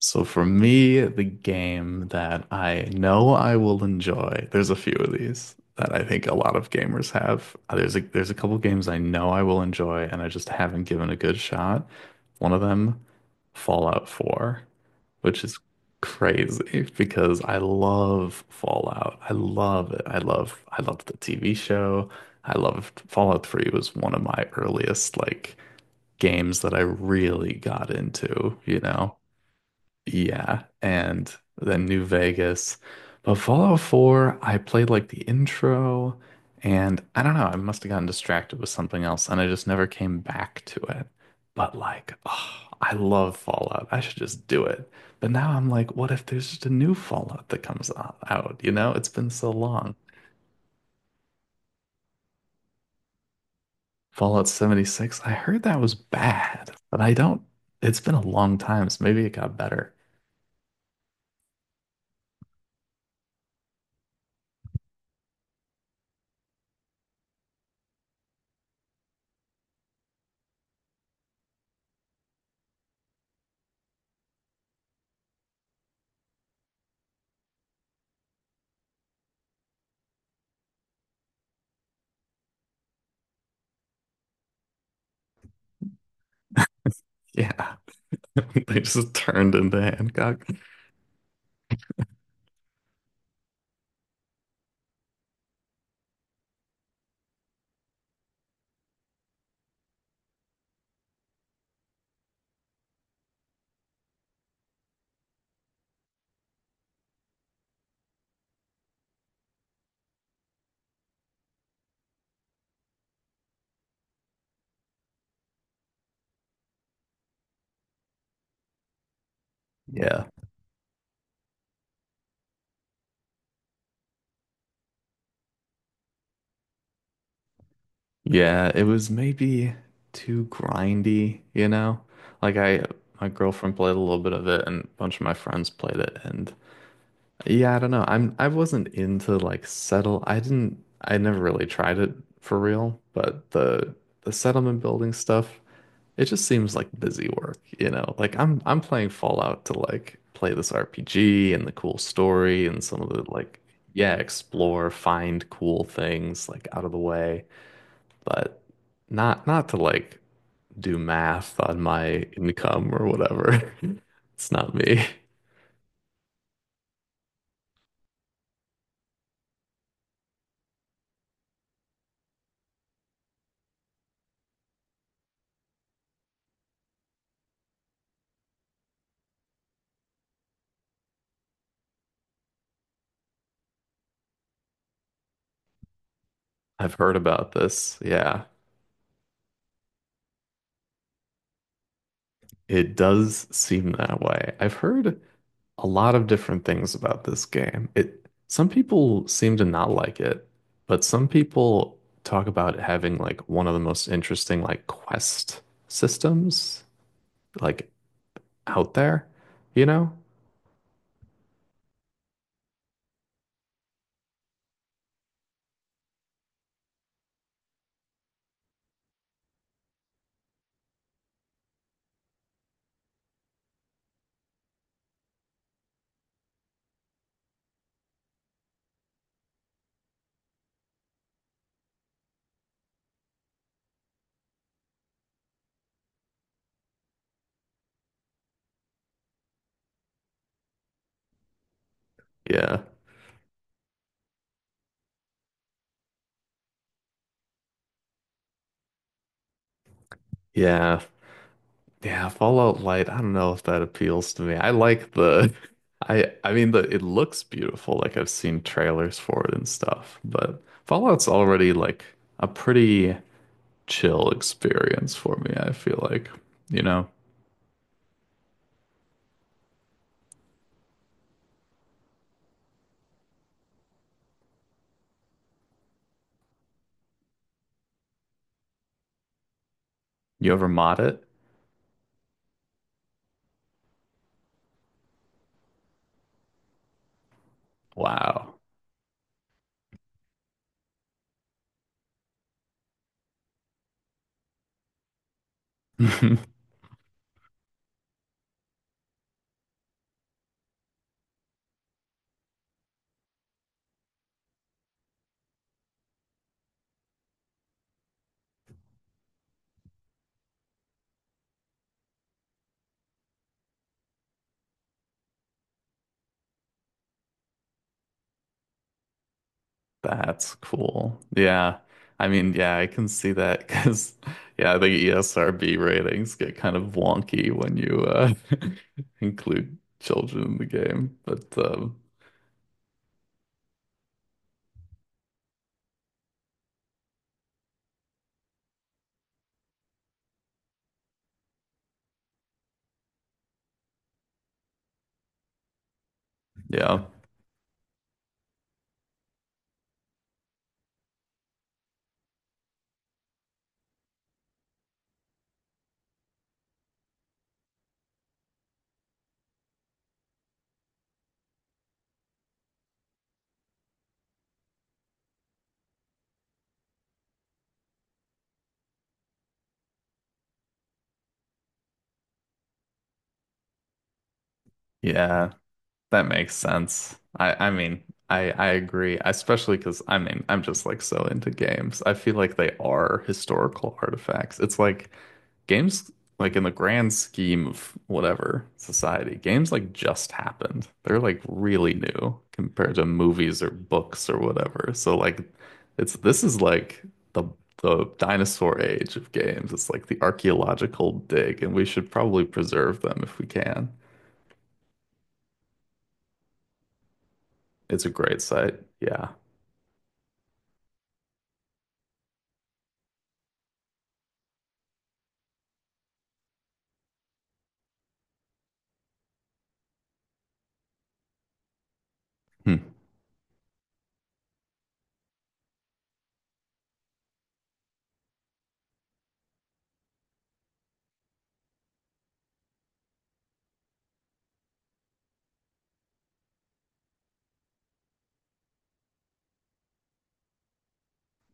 So for me, the game that I know I will enjoy, there's a few of these that I think a lot of gamers have. There's a couple games I know I will enjoy and I just haven't given a good shot. One of them, Fallout 4, which is crazy because I love Fallout. I love it. I loved the TV show. I loved Fallout 3 was one of my earliest, like, games that I really got into, you know. Yeah, and then New Vegas. But Fallout 4, I played like the intro, and I don't know, I must have gotten distracted with something else, and I just never came back to it. But like, oh, I love Fallout. I should just do it. But now I'm like, what if there's just a new Fallout that comes out? You know, it's been so long. Fallout 76, I heard that was bad, but I don't, it's been a long time, so maybe it got better. Yeah. They just turned into Hancock. Yeah. Yeah, it was maybe too grindy, you know? Like I my girlfriend played a little bit of it and a bunch of my friends played it, and yeah, I don't know. I wasn't into like settle. I never really tried it for real, but the settlement building stuff, it just seems like busy work, you know? Like I'm playing Fallout to like play this RPG and the cool story and some of the like yeah, explore, find cool things like out of the way, but not to like do math on my income or whatever. It's not me. I've heard about this. Yeah, it does seem that way. I've heard a lot of different things about this game. It some people seem to not like it, but some people talk about it having like one of the most interesting like quest systems, like, out there, you know? Yeah. Yeah, Yeah, Fallout Light, I don't know if that appeals to me. I like the I mean the it looks beautiful, like I've seen trailers for it and stuff, but Fallout's already like a pretty chill experience for me, I feel like. You know, you ever mod it? Wow. That's cool. Yeah. I mean, yeah, I can see that because yeah, the ESRB ratings get kind of wonky when you include children in the game. But yeah. Yeah, that makes sense. I mean, I agree, especially because I mean, I'm just like so into games. I feel like they are historical artifacts. It's like games like in the grand scheme of whatever society, games like just happened. They're like really new compared to movies or books or whatever. So like it's this is like the the dinosaur age of games. It's like the archaeological dig, and we should probably preserve them if we can. It's a great site. Yeah. Hmm.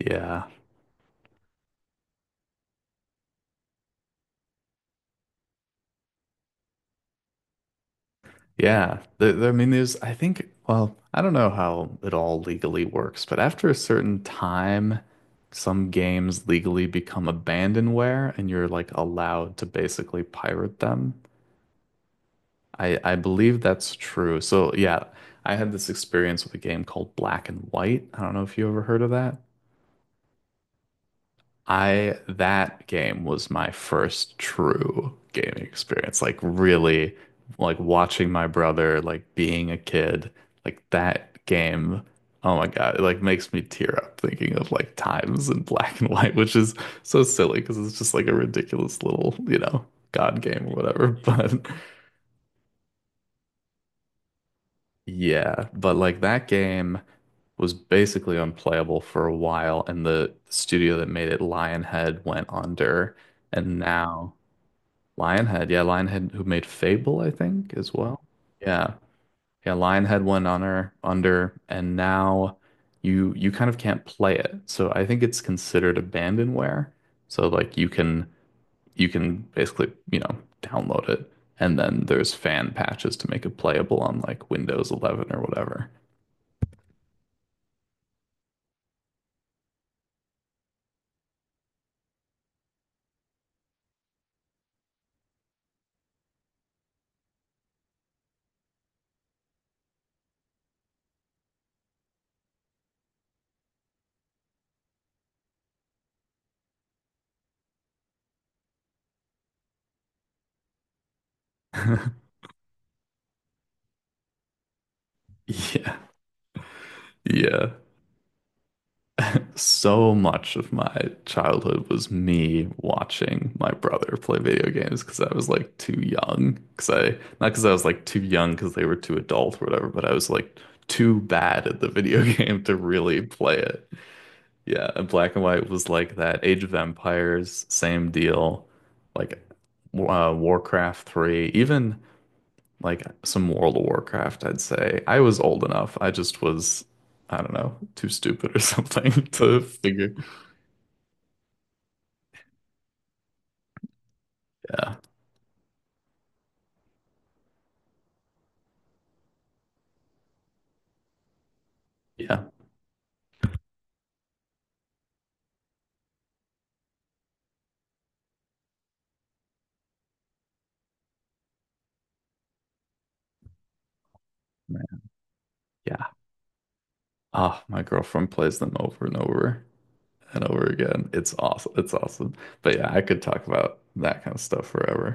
Yeah. Yeah. I mean, there's, I think, well, I don't know how it all legally works, but after a certain time, some games legally become abandonware and you're like allowed to basically pirate them. I believe that's true. So, yeah, I had this experience with a game called Black and White. I don't know if you ever heard of that. I that game was my first true gaming experience. Like really like watching my brother like being a kid, like that game. Oh my God, it like makes me tear up thinking of like times in black and white, which is so silly because it's just like a ridiculous little, you know, God game or whatever. But yeah, but like that game was basically unplayable for a while and the studio that made it, Lionhead, went under. And now Lionhead, yeah, Lionhead who made Fable, I think, as well. Yeah. Yeah, Lionhead went on her under and now you kind of can't play it. So I think it's considered abandonware. So like you can basically, you know, download it and then there's fan patches to make it playable on like Windows 11 or whatever. Yeah. Yeah. So much of my childhood was me watching my brother play video games because I was like too young. Because I, not because I was like too young because they were too adult or whatever, but I was like too bad at the video game to really play it. Yeah, and Black and White was like that. Age of Empires, same deal. Like Warcraft 3, even like some World of Warcraft, I'd say. I was old enough. I just was. I don't know, too stupid or something to figure Yeah. Yeah. Yeah. Oh, my girlfriend plays them over and over and over again. It's awesome. It's awesome. But yeah, I could talk about that kind of stuff forever.